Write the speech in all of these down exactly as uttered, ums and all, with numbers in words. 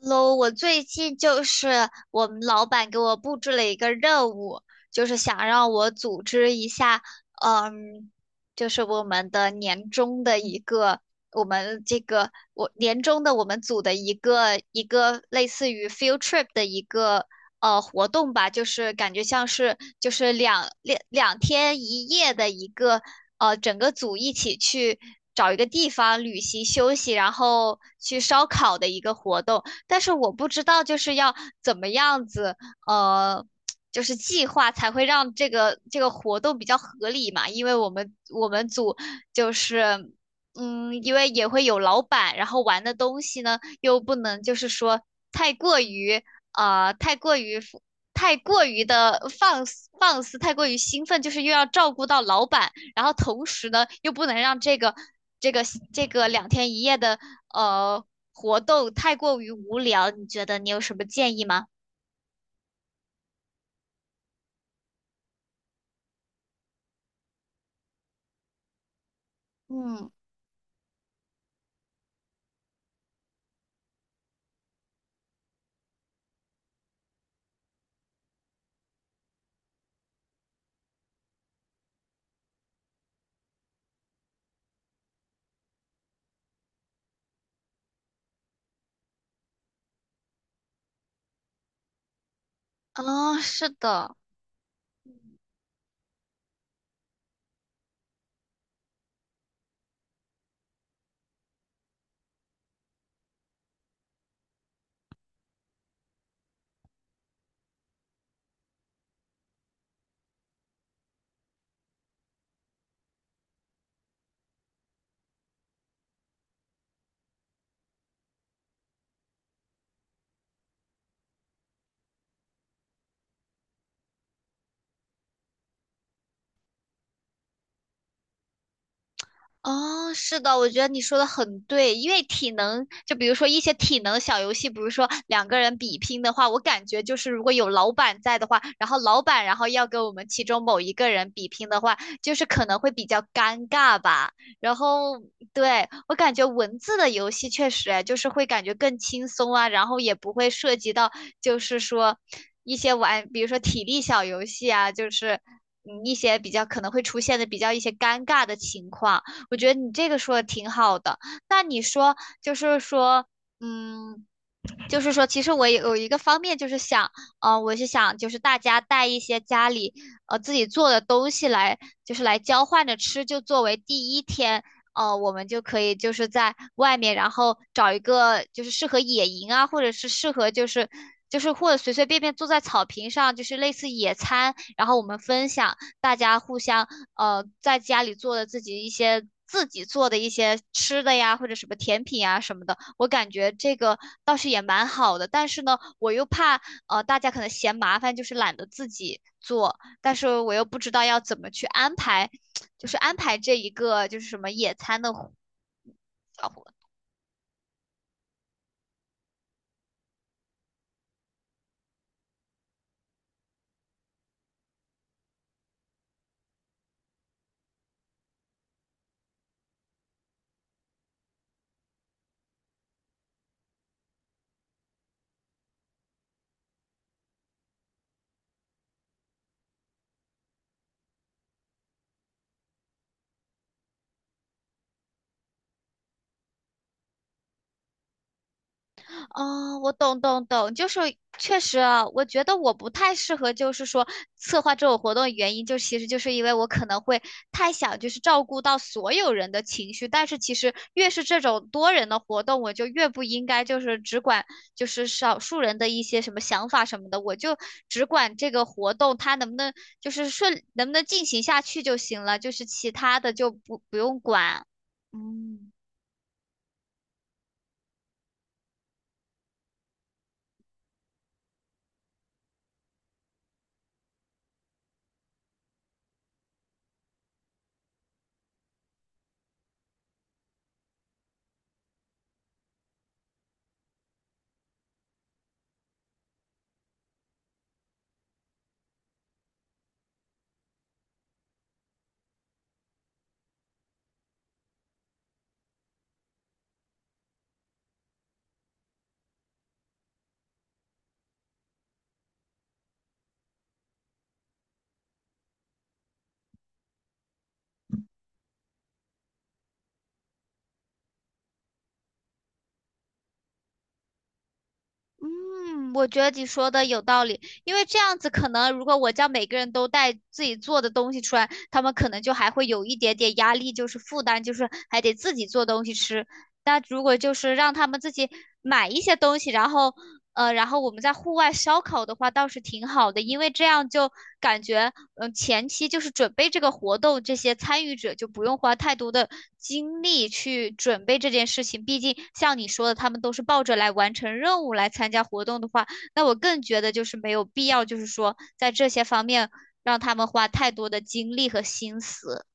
喽，我最近就是我们老板给我布置了一个任务，就是想让我组织一下，嗯，就是我们的年终的一个，我们这个我年终的我们组的一个一个类似于 field trip 的一个呃活动吧，就是感觉像是就是两两两天一夜的一个呃整个组一起去找一个地方旅行休息，然后去烧烤的一个活动。但是我不知道就是要怎么样子，呃，就是计划才会让这个这个活动比较合理嘛，因为我们我们组就是。嗯，因为也会有老板，然后玩的东西呢，又不能就是说太过于呃太过于太过于的放肆放肆，太过于兴奋，就是又要照顾到老板，然后同时呢又不能让这个这个这个两天一夜的呃活动太过于无聊，你觉得你有什么建议吗？嗯，啊、是的。哦，是的，我觉得你说的很对，因为体能，就比如说一些体能小游戏，比如说两个人比拼的话，我感觉就是如果有老板在的话，然后老板然后要跟我们其中某一个人比拼的话，就是可能会比较尴尬吧。然后，对，我感觉文字的游戏确实，哎就是会感觉更轻松啊，然后也不会涉及到就是说一些玩，比如说体力小游戏啊，就是嗯一些比较可能会出现的比较一些尴尬的情况。我觉得你这个说的挺好的。那你说，就是说，嗯，就是说，其实我也有一个方面就是想，呃，我是想就是大家带一些家里呃自己做的东西来，就是来交换着吃，就作为第一天，呃，我们就可以就是在外面，然后找一个就是适合野营啊，或者是适合就是。就是或者随随便便坐在草坪上，就是类似野餐，然后我们分享。大家互相呃在家里做的自己一些自己做的一些吃的呀，或者什么甜品呀什么的，我感觉这个倒是也蛮好的。但是呢，我又怕呃大家可能嫌麻烦，就是懒得自己做，但是我又不知道要怎么去安排，就是安排这一个就是什么野餐的活小活哦，我懂懂懂，就是确实啊，我觉得我不太适合，就是说策划这种活动的原因，就其实就是因为我可能会太想就是照顾到所有人的情绪，但是其实越是这种多人的活动，我就越不应该就是只管就是少数人的一些什么想法什么的，我就只管这个活动它能不能就是顺能不能进行下去就行了，就是其他的就不不用管。嗯，嗯，我觉得你说的有道理，因为这样子可能，如果我叫每个人都带自己做的东西出来，他们可能就还会有一点点压力，就是负担，就是还得自己做东西吃。但如果就是让他们自己买一些东西，然后呃，然后我们在户外烧烤的话倒是挺好的，因为这样就感觉，嗯、前期就是准备这个活动，这些参与者就不用花太多的精力去准备这件事情。毕竟像你说的，他们都是抱着来完成任务来参加活动的话，那我更觉得就是没有必要，就是说在这些方面让他们花太多的精力和心思。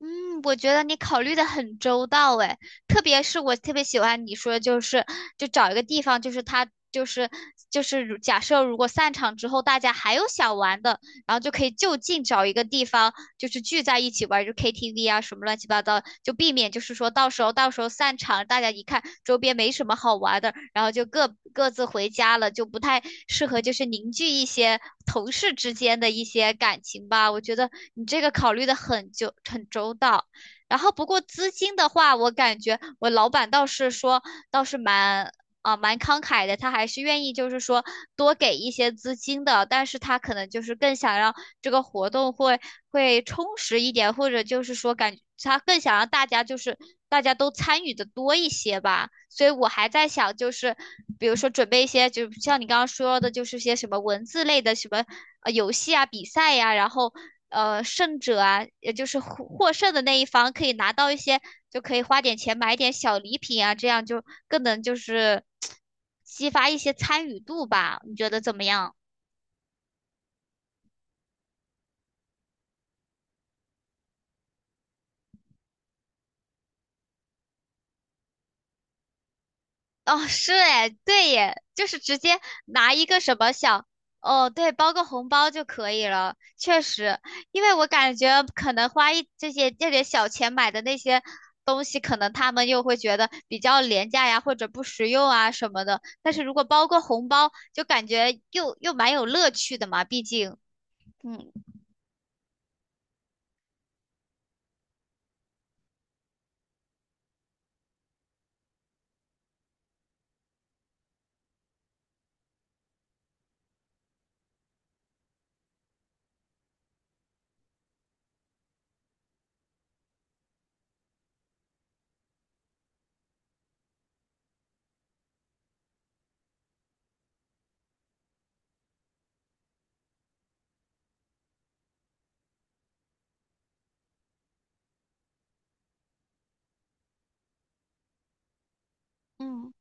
嗯，我觉得你考虑的很周到诶，特别是我特别喜欢你说的就是，就找一个地方，就是他就是就是如假设如果散场之后大家还有想玩的，然后就可以就近找一个地方，就是聚在一起玩，就 K T V 啊什么乱七八糟，就避免就是说到时候到时候散场，大家一看周边没什么好玩的，然后就各各自回家了，就不太适合就是凝聚一些同事之间的一些感情吧。我觉得你这个考虑的很就很周到。然后不过资金的话，我感觉我老板倒是说倒是蛮啊、蛮慷慨的，他还是愿意就是说多给一些资金的，但是他可能就是更想让这个活动会会充实一点，或者就是说感他更想让大家就是大家都参与的多一些吧。所以我还在想，就是比如说准备一些，就像你刚刚说的，就是些什么文字类的什么呃游戏啊、比赛呀、然后呃胜者啊，也就是获获胜的那一方可以拿到一些，就可以花点钱买点小礼品啊，这样就更能就是 激发一些参与度吧。你觉得怎么样？哦，是哎，对耶，就是直接拿一个什么小，哦，对，包个红包就可以了。确实，因为我感觉可能花一这些这点小钱买的那些东西，可能他们又会觉得比较廉价呀，或者不实用啊什么的。但是如果包个红包，就感觉又又蛮有乐趣的嘛，毕竟，嗯嗯。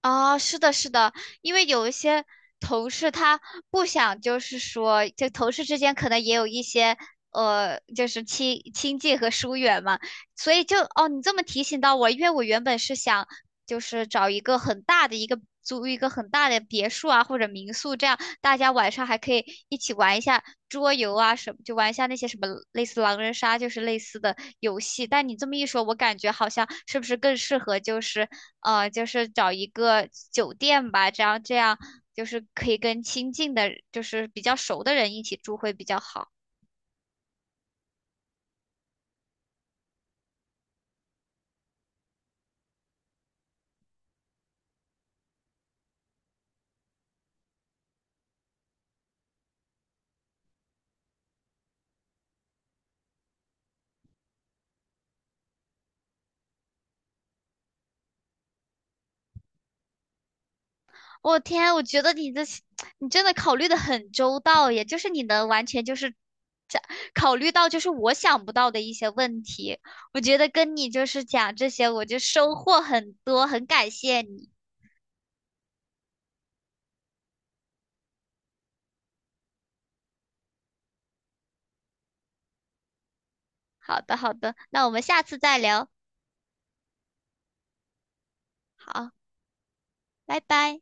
啊，是的，是的，因为有一些同事他不想，就是说，就同事之间可能也有一些呃，就是亲亲近和疏远嘛。所以就哦，你这么提醒到我，因为我原本是想就是找一个很大的一个租一个很大的别墅啊，或者民宿，这样大家晚上还可以一起玩一下桌游啊什么，就玩一下那些什么类似狼人杀，就是类似的游戏。但你这么一说，我感觉好像是不是更适合就是呃，就是找一个酒店吧，这样这样就是可以跟亲近的，就是比较熟的人一起住会比较好。我天，我觉得你的你真的考虑的很周到耶，就是你能完全就是考虑到就是我想不到的一些问题。我觉得跟你就是讲这些，我就收获很多，很感谢你。好的，好的，那我们下次再聊。好，拜拜。